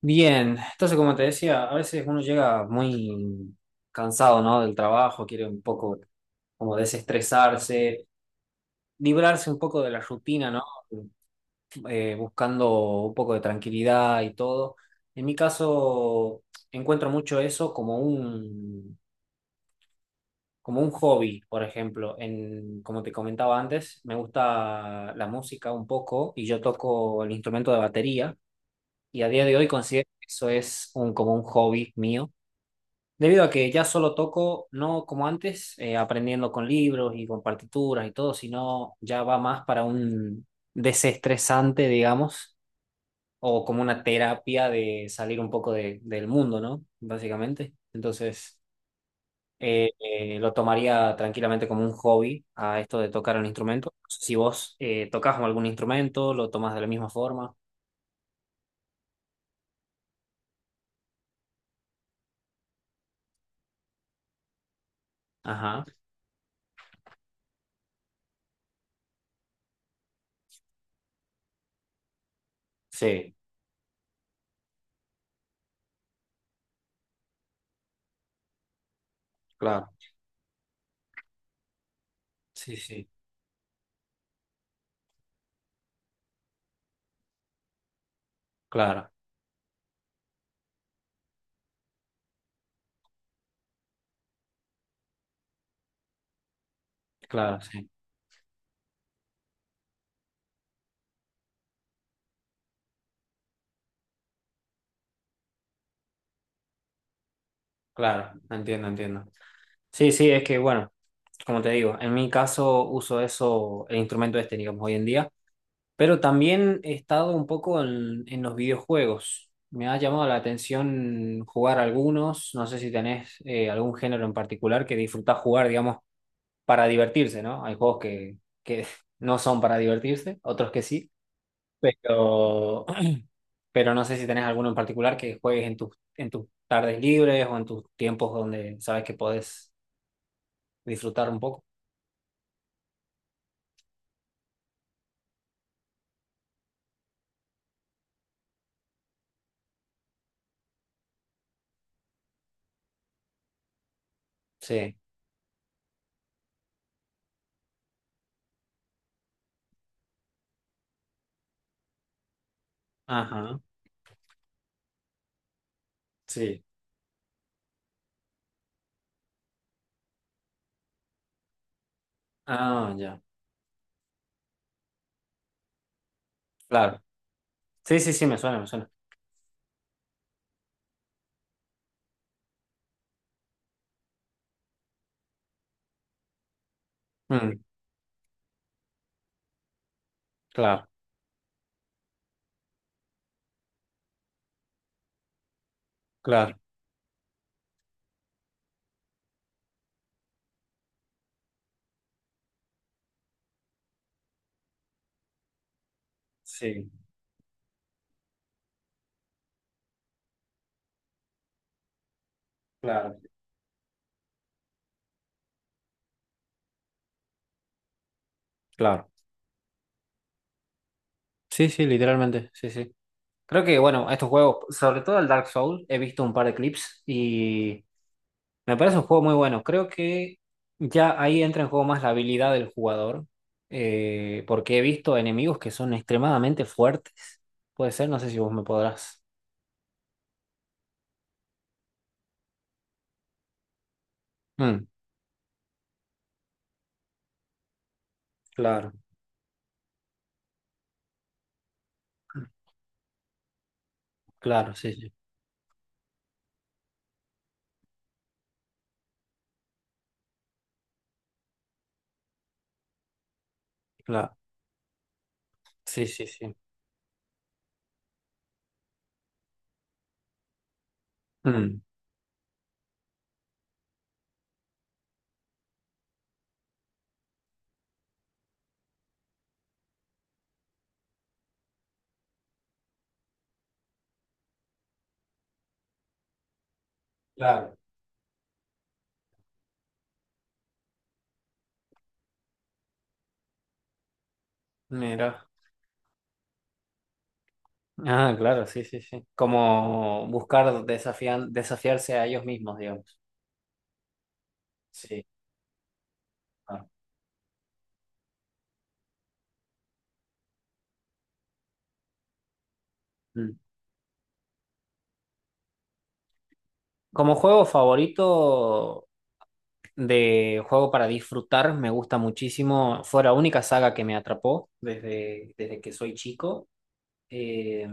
Bien, entonces como te decía, a veces uno llega muy cansado, ¿no? Del trabajo, quiere un poco como desestresarse, librarse un poco de la rutina, ¿no? Buscando un poco de tranquilidad y todo. En mi caso, encuentro mucho eso como como un hobby, por ejemplo. Como te comentaba antes, me gusta la música un poco y yo toco el instrumento de batería y a día de hoy considero que eso es como un hobby mío. Debido a que ya solo toco, no como antes, aprendiendo con libros y con partituras y todo, sino ya va más para un desestresante, digamos, o como una terapia de salir un poco del mundo, ¿no? Básicamente. Entonces, lo tomaría tranquilamente como un hobby a esto de tocar un instrumento. Si vos tocas algún instrumento, lo tomás de la misma forma. Ajá. Sí, claro. Sí, sí, claro, claro, sí, claro. Entiendo, entiendo. Sí, sí, es que bueno, como te digo, en mi caso uso eso, el instrumento este, digamos, hoy en día, pero también he estado un poco en los videojuegos. Me ha llamado la atención jugar algunos, no sé si tenés algún género en particular que disfrutás jugar, digamos, para divertirse, ¿no? Hay juegos que no son para divertirse, otros que sí, pero, pero no sé si tenés alguno en particular que juegues en en tus tardes libres o en tus tiempos donde sabes que podés disfrutar un poco. Sí. Ajá, sí. Ah, ya, claro. Sí, sí, sí, me suena, me suena. Mm, claro, claro. Sí, claro, claro. Sí, sí, literalmente, sí, sí. Creo que, bueno, estos juegos, sobre todo el Dark Souls, he visto un par de clips y me parece un juego muy bueno. Creo que ya ahí entra en juego más la habilidad del jugador, porque he visto enemigos que son extremadamente fuertes. Puede ser, no sé si vos me podrás. Mm, claro, claro, sí, sí, claro. Sí, sí, sí. Mm. Claro. Mira. Ah, claro, sí, sí, sí. Como buscar desafiarse a ellos mismos, digamos. Sí. Ah. Mm. Como juego favorito de juego para disfrutar, me gusta muchísimo. Fue la única saga que me atrapó desde que soy chico. Eh,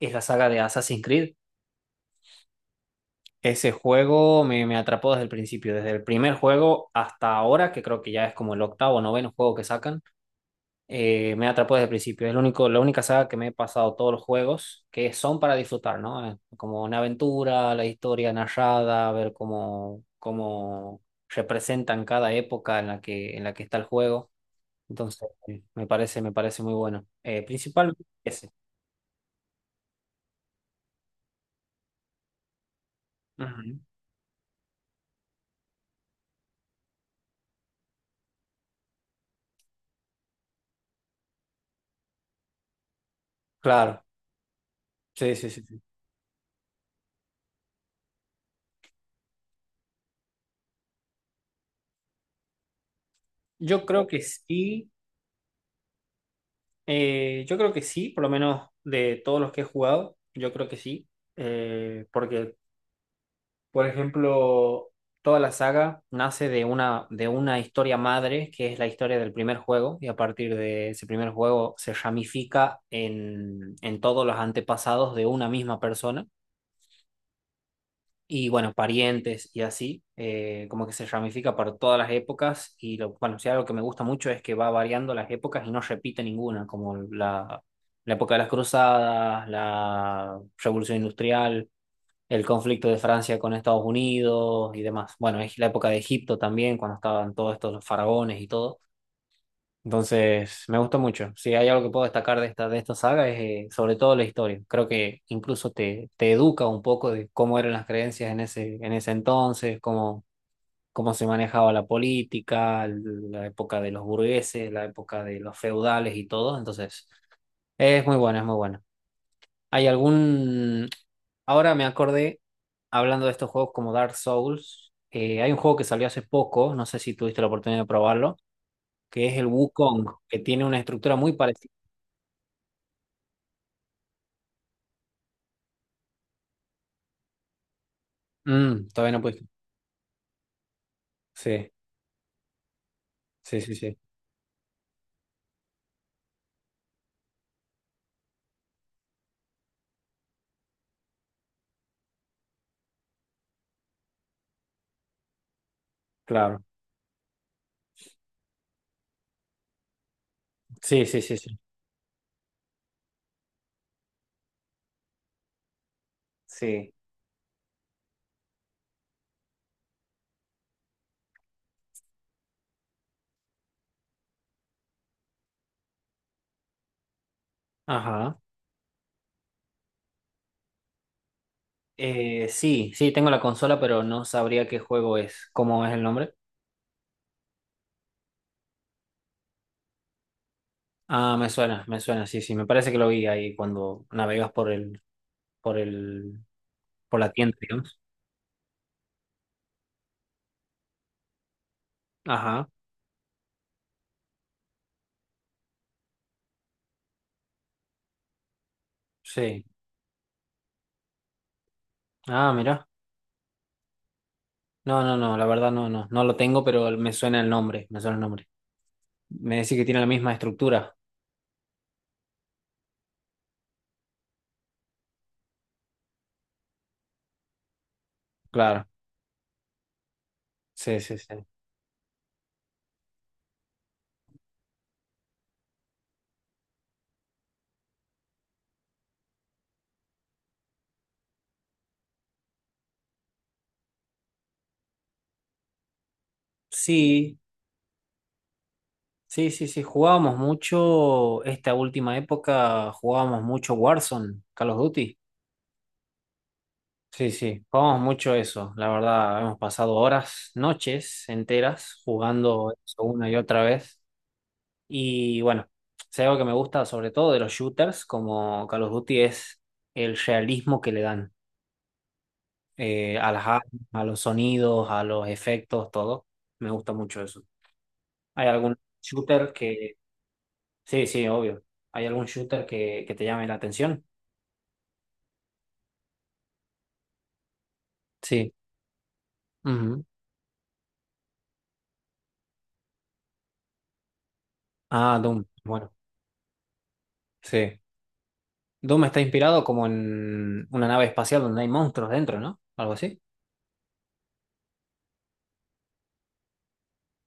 es la saga de Assassin's Creed. Ese juego me atrapó desde el principio, desde el primer juego hasta ahora, que creo que ya es como el octavo o noveno juego que sacan. Me atrapó desde el principio. Es lo único, la única saga que me he pasado todos los juegos que son para disfrutar, ¿no? Como una aventura, la historia narrada, ver cómo representan cada época en la que está el juego. Entonces, me parece muy bueno. Principalmente ese. Ujú. Claro, sí, sí, sí, sí. Yo creo que sí, yo creo que sí, por lo menos de todos los que he jugado, yo creo que sí, porque, por ejemplo, toda la saga nace de una historia madre, que es la historia del primer juego, y a partir de ese primer juego se ramifica en todos los antepasados de una misma persona, y bueno, parientes y así, como que se ramifica para todas las épocas, y lo, bueno, sí, algo que me gusta mucho es que va variando las épocas y no repite ninguna, como la época de las cruzadas, la revolución industrial, el conflicto de Francia con Estados Unidos y demás. Bueno, es la época de Egipto también, cuando estaban todos estos faraones y todo. Entonces, me gustó mucho. Si hay algo que puedo destacar de esta saga es sobre todo la historia. Creo que incluso te educa un poco de cómo eran las creencias en ese entonces, cómo se manejaba la política, la época de los burgueses, la época de los feudales y todo. Entonces, es muy bueno, es muy bueno. ¿Hay algún... Ahora me acordé, hablando de estos juegos como Dark Souls, hay un juego que salió hace poco, no sé si tuviste la oportunidad de probarlo, que es el Wukong, que tiene una estructura muy parecida. Mm, todavía no pudiste. Sí, sí, sí, sí, claro. Sí, sí, sí, sí. Sí. Ajá. Sí, sí, tengo la consola, pero no sabría qué juego es, cómo es el nombre. Ah, me suena, sí, sí, me parece que lo vi ahí cuando navegas por por por la tienda, digamos. Ajá, sí. Ah, mira. No, no, no, la verdad no, no, no lo tengo, pero me suena el nombre, me suena el nombre. Me decís que tiene la misma estructura. Claro, sí, sí, sí. Sí, sí, sí, sí, jugábamos mucho, esta última época jugábamos mucho Warzone, Call of Duty. Sí, sí, jugábamos mucho eso, la verdad, hemos pasado horas, noches enteras jugando eso una y otra vez. Y bueno, si hay algo que me gusta sobre todo de los shooters como Call of Duty es el realismo que le dan a las armas, a los sonidos, a los efectos, todo. Me gusta mucho eso. ¿Hay algún shooter que... Sí, sí, obvio. ¿Hay algún shooter que te llame la atención? Sí. Ujú. Ah, Doom. Bueno, sí. Doom está inspirado como en una nave espacial donde hay monstruos dentro, ¿no? Algo así.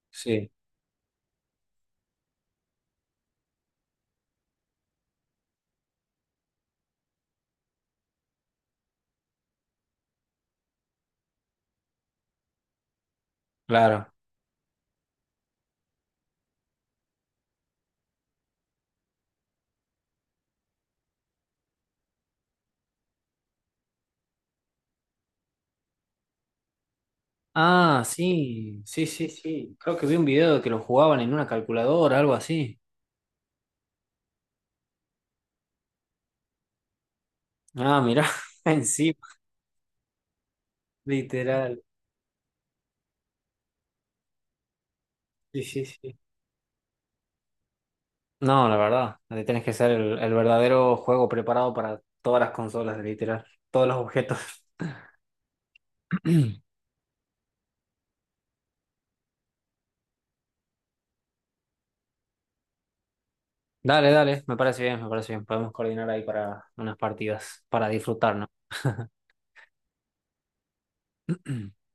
Sí, claro. Ah, sí, sí, sí, sí. Creo que vi un video de que lo jugaban en una calculadora, algo así. Ah, mirá, encima, literal. Sí, sí, sí. No, la verdad, ahí tienes que ser el verdadero juego preparado para todas las consolas, literal, todos los objetos. Dale, dale, me parece bien, me parece bien. Podemos coordinar ahí para unas partidas, para disfrutar, ¿no?